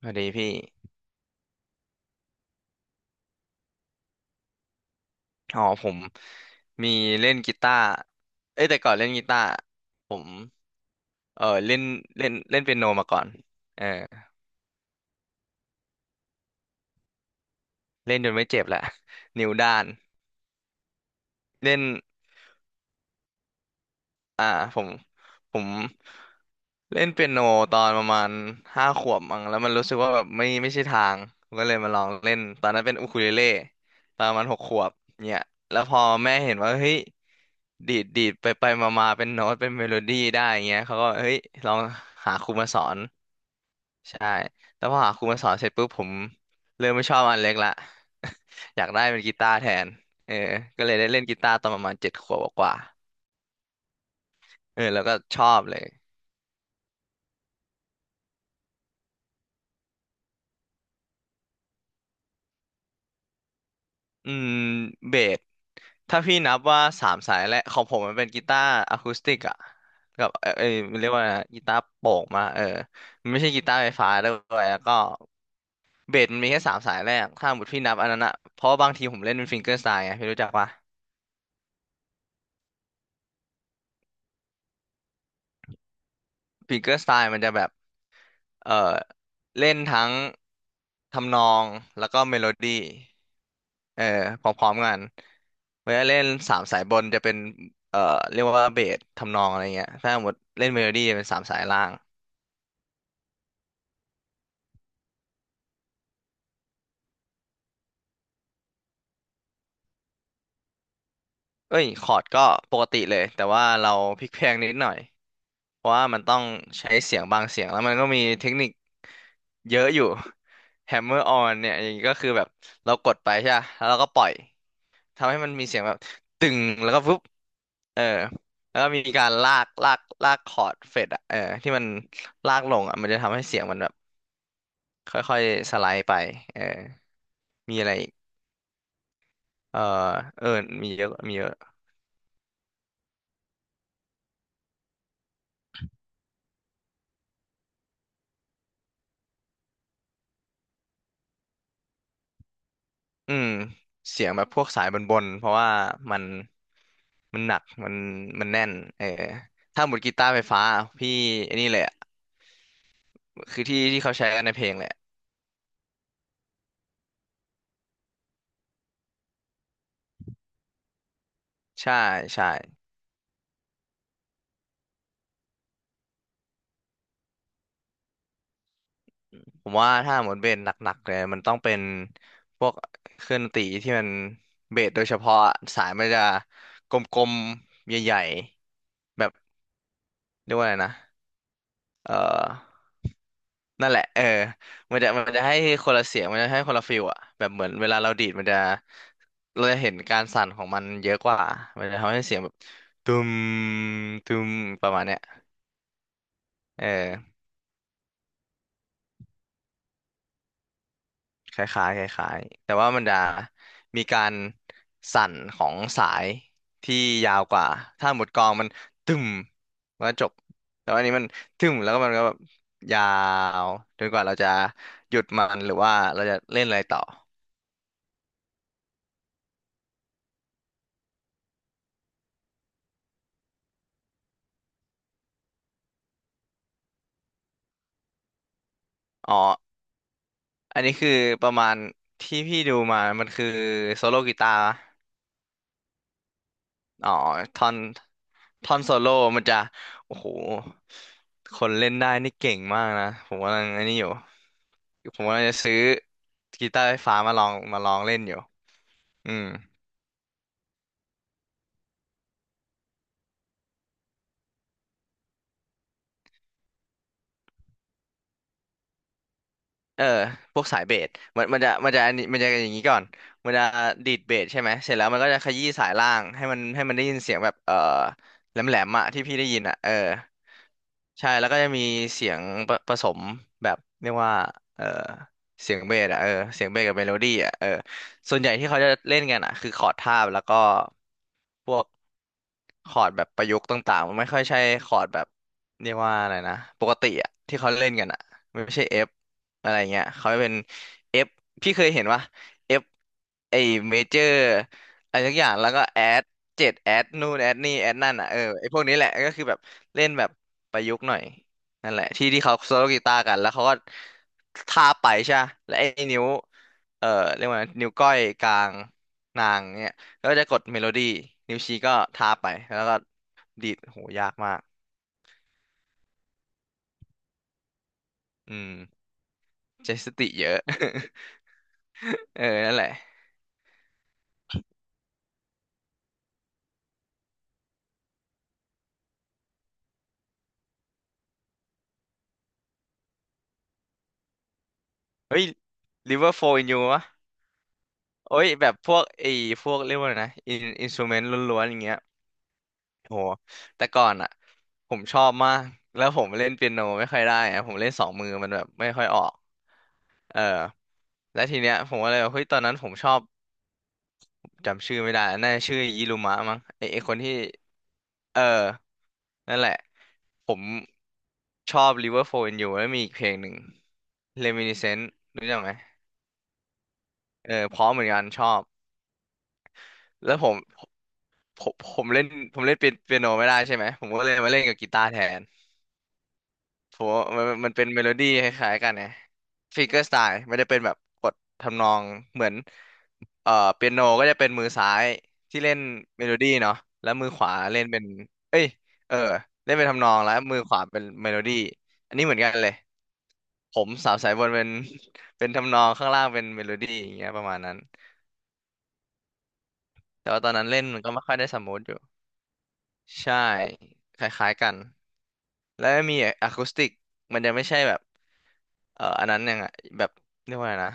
สวัสดีพี่ อ๋อผมมีเล่นกีตาร์เอ้ยแต่ก่อนเล่นกีตาร์ผม เออเล่นเล่นเล่นเปียโนมาก่อน เออเล่นจนไม่เจ็บละ นิ้วด้านเล่น อ่าผมผมเล่นเปียโนตอนประมาณ5 ขวบมั้งแล้วมันรู้สึกว่าแบบไม่ใช่ทางผมก็เลยมาลองเล่นตอนนั้นเป็นอูคูเลเล่ตอนประมาณ6 ขวบเนี่ยแล้วพอแม่เห็นว่าเฮ้ยดีดดีดไปไปมามาเป็นโน้ตเป็นเมโลดี้ได้อย่างเงี้ยเขาก็เฮ้ยลองหาครูมาสอนใช่แล้วพอหาครูมาสอนเสร็จปุ๊บผมเริ่มไม่ชอบอันเล็กละ อยากได้เป็นกีตาร์แทนเออก็เลยได้เล่นกีตาร์ตอนประมาณ7 ขวบกว่าๆแล้วก็ชอบเลย อืมเบสถ้าพี่นับว่าสามสายแรกของผมมันเป็นกีตาร์อะคูสติกอะกับเออเอยมันเรียกว่าอะไรนะกีตาร์โปร่งมามันไม่ใช่กีตาร์ไฟฟ้าด้วยแล้วก็เบสมันมีแค่สามสายแรกถ้าหมดพี่นับอันนั้นอะเพราะว่าบางทีผมเล่นเป็นฟิงเกอร์สไตล์ไงพี่รู้จักปะฟิงเกอร์สไตล์มันจะแบบเออเล่นทั้งทำนองแล้วก็เมโลดี้ เออพร้อมๆกันเวลาเล่นสามสายบนจะเป็นเอ่อเรียกว่าเบสทำนองอะไรเงี้ยถ้าหมดเล่นเมโลดี้จะเป็นสามสายล่างเอ้ยคอร์ดก็ปกติเลยแต่ว่าเราพลิกเพลงนิดหน่อยเพราะว่ามันต้องใช้เสียงบางเสียงแล้วมันก็มีเทคนิคเยอะอยู่ hammer on เนี่ยอย่างนี้ก็คือแบบเรากดไปใช่ปะแล้วเราก็ปล่อยทำให้มันมีเสียงแบบตึงแล้วก็ปุ๊บเออแล้วก็มีการลากลากลากคอร์ดเฟดอะที่มันลากลงอะมันจะทำให้เสียงมันแบบ ค่อยๆสไลด์ไปเออมีอะไรอีกเออเออมีเยอะมีเยอะอืมเสียงแบบพวกสายบนๆเพราะว่ามันมันหนักมันแน่นเออถ้าหมดกีตาร์ไฟฟ้าพี่ไอันนี้เลยอะคือที่ที่เขาใช้กันในเพลงแหละใช่ใช่ผมว่าถ้าหมดเบสหนักๆเลยมันต้องเป็นพวกเครื่องดนตรีที่มันเบสโดยเฉพาะอะสายมันจะกลมๆใหญ่ๆแบบเรียกว่าอะไรนะเออ นั่นแหละมันจะให้คนละเสียงมันจะให้คนละฟิลอะแบบเหมือนเวลาเราดีดมันจะเราจะเห็นการสั่นของมันเยอะกว่ามันจะทำให้เสียงแบบตุมตุมประมาณเนี้ยเออคล้ายๆคล้ายๆแต่ว่ามันจะมีการสั่นของสายที่ยาวกว่า ถ้าหมดกลองมันตึมมันก็จบแต่ว่าอันนี้มันตึมแล้วก็มันก็แบบยาวจนกว่าเราจะหยุดมันหรือว่าเราจะเล่นอะไรต่ออ๋อ อันนี้คือประมาณที่พี่ดูมามันคือโซโลกีตาร์อ๋อท่อนท่อนโซโล่มันจะ โอ้โห คนเล่นได้นี่เก่งมากนะ ผมกำลังอันนี้อยู่ ผมกำลังจะซื้อกีตาร์ไฟฟ้ามาลองเล่นอยู่อืม เออพวกสายเบสมันจะอันนี้มันจะอย่างนี้ก่อนมันจะดีดเบสใช่ไหมเสร็จแล้วมันก็จะขยี้สายล่างให้มันได้ยินเสียงแบบแหลมแหลมอะที่พี่ได้ยินอะใช่แล้วก็จะมีเสียงผผสมแบบเรียกว่าเออเสียงเบสอะเสียงเบสกับเมโลดี้อะส่วนใหญ่ที่เขาจะเล่นกันอะคือคอร์ดทาบแล้วก็ พวกคอร์ดแบบประยุกต์ต่างๆมันไม่ค่อยใช่คอร์ดแบบเรียกว่าอะไรนะปกติอะที่เขาเล่นกันอะมันไม่ใช่ F อะไรเงี้ยเขาเป็น F พี่เคยเห็นว่า F ไอเมเจอร์อะไรทุกอย่างแล้วก็add 7แอดนู่นแอดนี่แอดนั่นอะไอพวกนี้แหละก็คือแบบเล่นแบบประยุกต์หน่อยนั่นแหละที่ที่เขาโซโลกีตาร์กันแล้วเขาก็ทาบไปใช่ปะแล้วไอนิ้วเอ่อเรียกว่านิ้วก้อยกลางนางเนี่ย แล้วก็จะกดเมโลดี้นิ้วชี้ก็ทาไปแล้วก็ดีดโหยากมากอืมใช้สติเยอะ นั่นแหละเฮ้ย River Flow in You วะโอ้ยแบบพวกไอ้พวกเรียกว่าอะไรนะอินสตูเมนต์ล้วนๆอย่างเงี้ยโหแต่ก่อนอ่ะผมชอบมากแล้วผมเล่นเปียโนไม่ค่อยได้อะผมเล่นสองมือมันแบบไม่ค่อยออกเออแล้วทีเนี้ยผมก็เลยวบบเฮ้ยตอนนั้นผมชอบจำชื่อไม่ได้น่าจะชื่อยิรุมะมั้งไอ้คนที่เออนั่นแหละ ผมชอบ Liverpool and You แล้วมีอีกเพลงหนึ่ง Reminiscence รู้จักไหมเออเพราะเหมือนกันชอบ แล้วผมผมเล่นผมเล่นเปียโนไม่ได้ใช่ไหม ผมก็เลยมาเล่นกับกีตาร์แทนผมว่ามันเป็นเมโลดี้คล้ายๆกันไง Finger Style ไม่ได้เป็นแบบกดทำนองเหมือนเปียโนก็จะเป็นมือซ้ายที่เล่นเมโลดี้เนาะแล้วมือขวาเล่นเป็น เอ้ย เออเล่นเป็นทำนองแล้วมือขวาเป็นเมโลดี้อันนี้เหมือนกันเลย ผมสาวสายบนเป็นเป็นทำนองข้างล่างเป็นเมโลดี้อย่างเงี้ยประมาณนั้นแต่ว่าตอนนั้นเล่นมันก็ไม่ค่อยได้สมูทอยู่ใช่คล้ายๆกันแล้วมีอะคูสติกมันจะไม่ใช่แบบอันนั้นยังไงแบบเรียกว่าอะไงนะ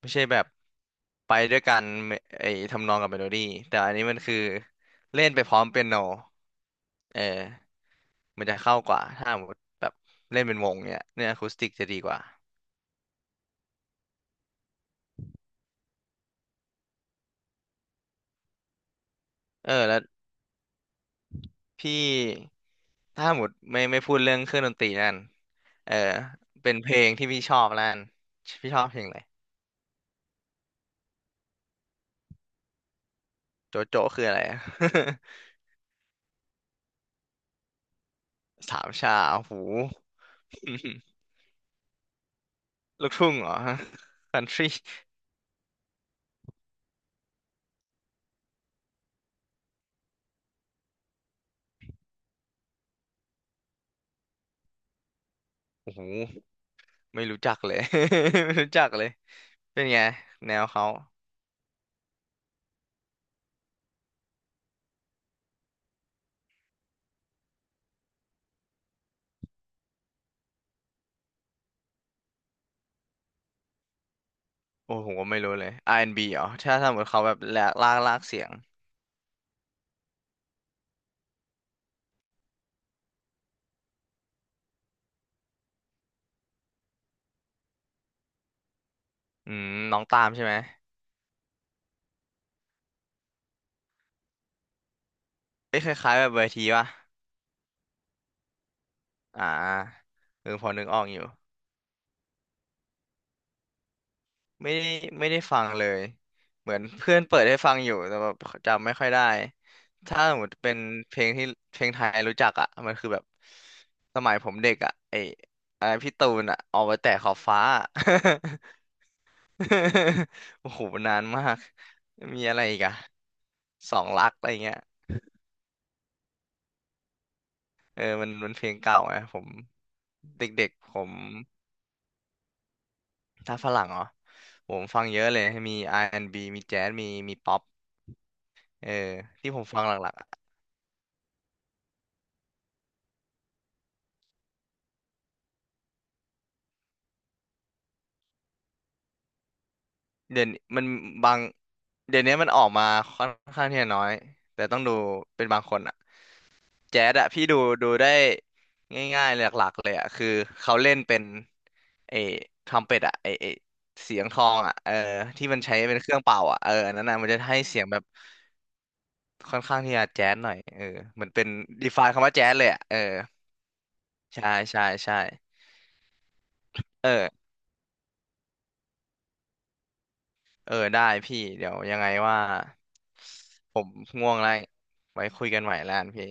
ไม่ใช่แบบไปด้วยกันเมไอ้ทำนองกับเมโลดี้แต่อันนี้มันคือเล่นไปพร้อมเปียโนเออมันจะเข้ากว่าถ้าสมมติแบบเล่นเป็นวงเนี่ยอะคูสติกจะดีกว่าเออแล้วพี่ถ้าหมดไม่พูดเรื่องเครื่องดนตรีนั่น เออเป็นเพลงที่พี่ชอบแล้วกันพี่ชอบเพลงอะไรโจโจ้คืออะไรอะ สามชาโอ้โห ลูกทุ่งเหรอคันทรีโอ้โหไม่รู้จักเลย ไม่รู้จักเลยเป็นไงแนวเขาโอ้โหไม่รู้เลย R&B เหรอถ้าสมมติเขาแบบแหลกลากลากเสียงอืมน้องตามใช่ไหมเอ้ยคล้ายๆแบบเวทีป่ะอ่าเออพอนึกออกอยู่ ไม่ได้ไม่ได้ฟังเลยเหมือนเพื่อนเปิดให้ฟังอยู่แต่แบบจำไม่ค่อยได้ถ้าสมมติเป็นเพลงที่เพลงไทยรู้จักอ่ะมันคือแบบสมัยผมเด็กอ่ะไออะไรพี่ตูนอ่ะออกไปแต่ขอบฟ้าอะ โอ้โหนานมากมีอะไรอีกอ่ะสองรักอะไรเงี้ยเออมันเพลงเก่าไงผมเด็กๆผมถ้าฝรั่งเหรอผมฟังเยอะเลยมีอาร์แอนด์บ b มีแจ๊สมีป๊อปเออที่ผมฟังหลักๆอะ เดี๋ยวนี้มันบางเดี๋ยวนี้มันออกมาค่อนข้างที่จะน้อยแต่ต้องดูเป็นบางคนอะแจ๊ดอะพี่ดูดูได้ง่ายๆหลักๆเลยอะคือเขาเล่นเป็นไอ้ทรัมเป็ตอะไอ้เสียงทองอะเออที่มันใช้เป็นเครื่องเป่าอะเอออันนั้นอะมันจะให้เสียงแบบค่อนข้างที่จะแจ๊ดหน่อยเออเหมือนเป็นดีฟายคำว่าแจ๊ดเลยอะเออใช่ใช่ใช่เออเออได้พี่เดี๋ยวยังไงว่าผมง่วงแล้วไว้คุยกันใหม่แล้วกันพี่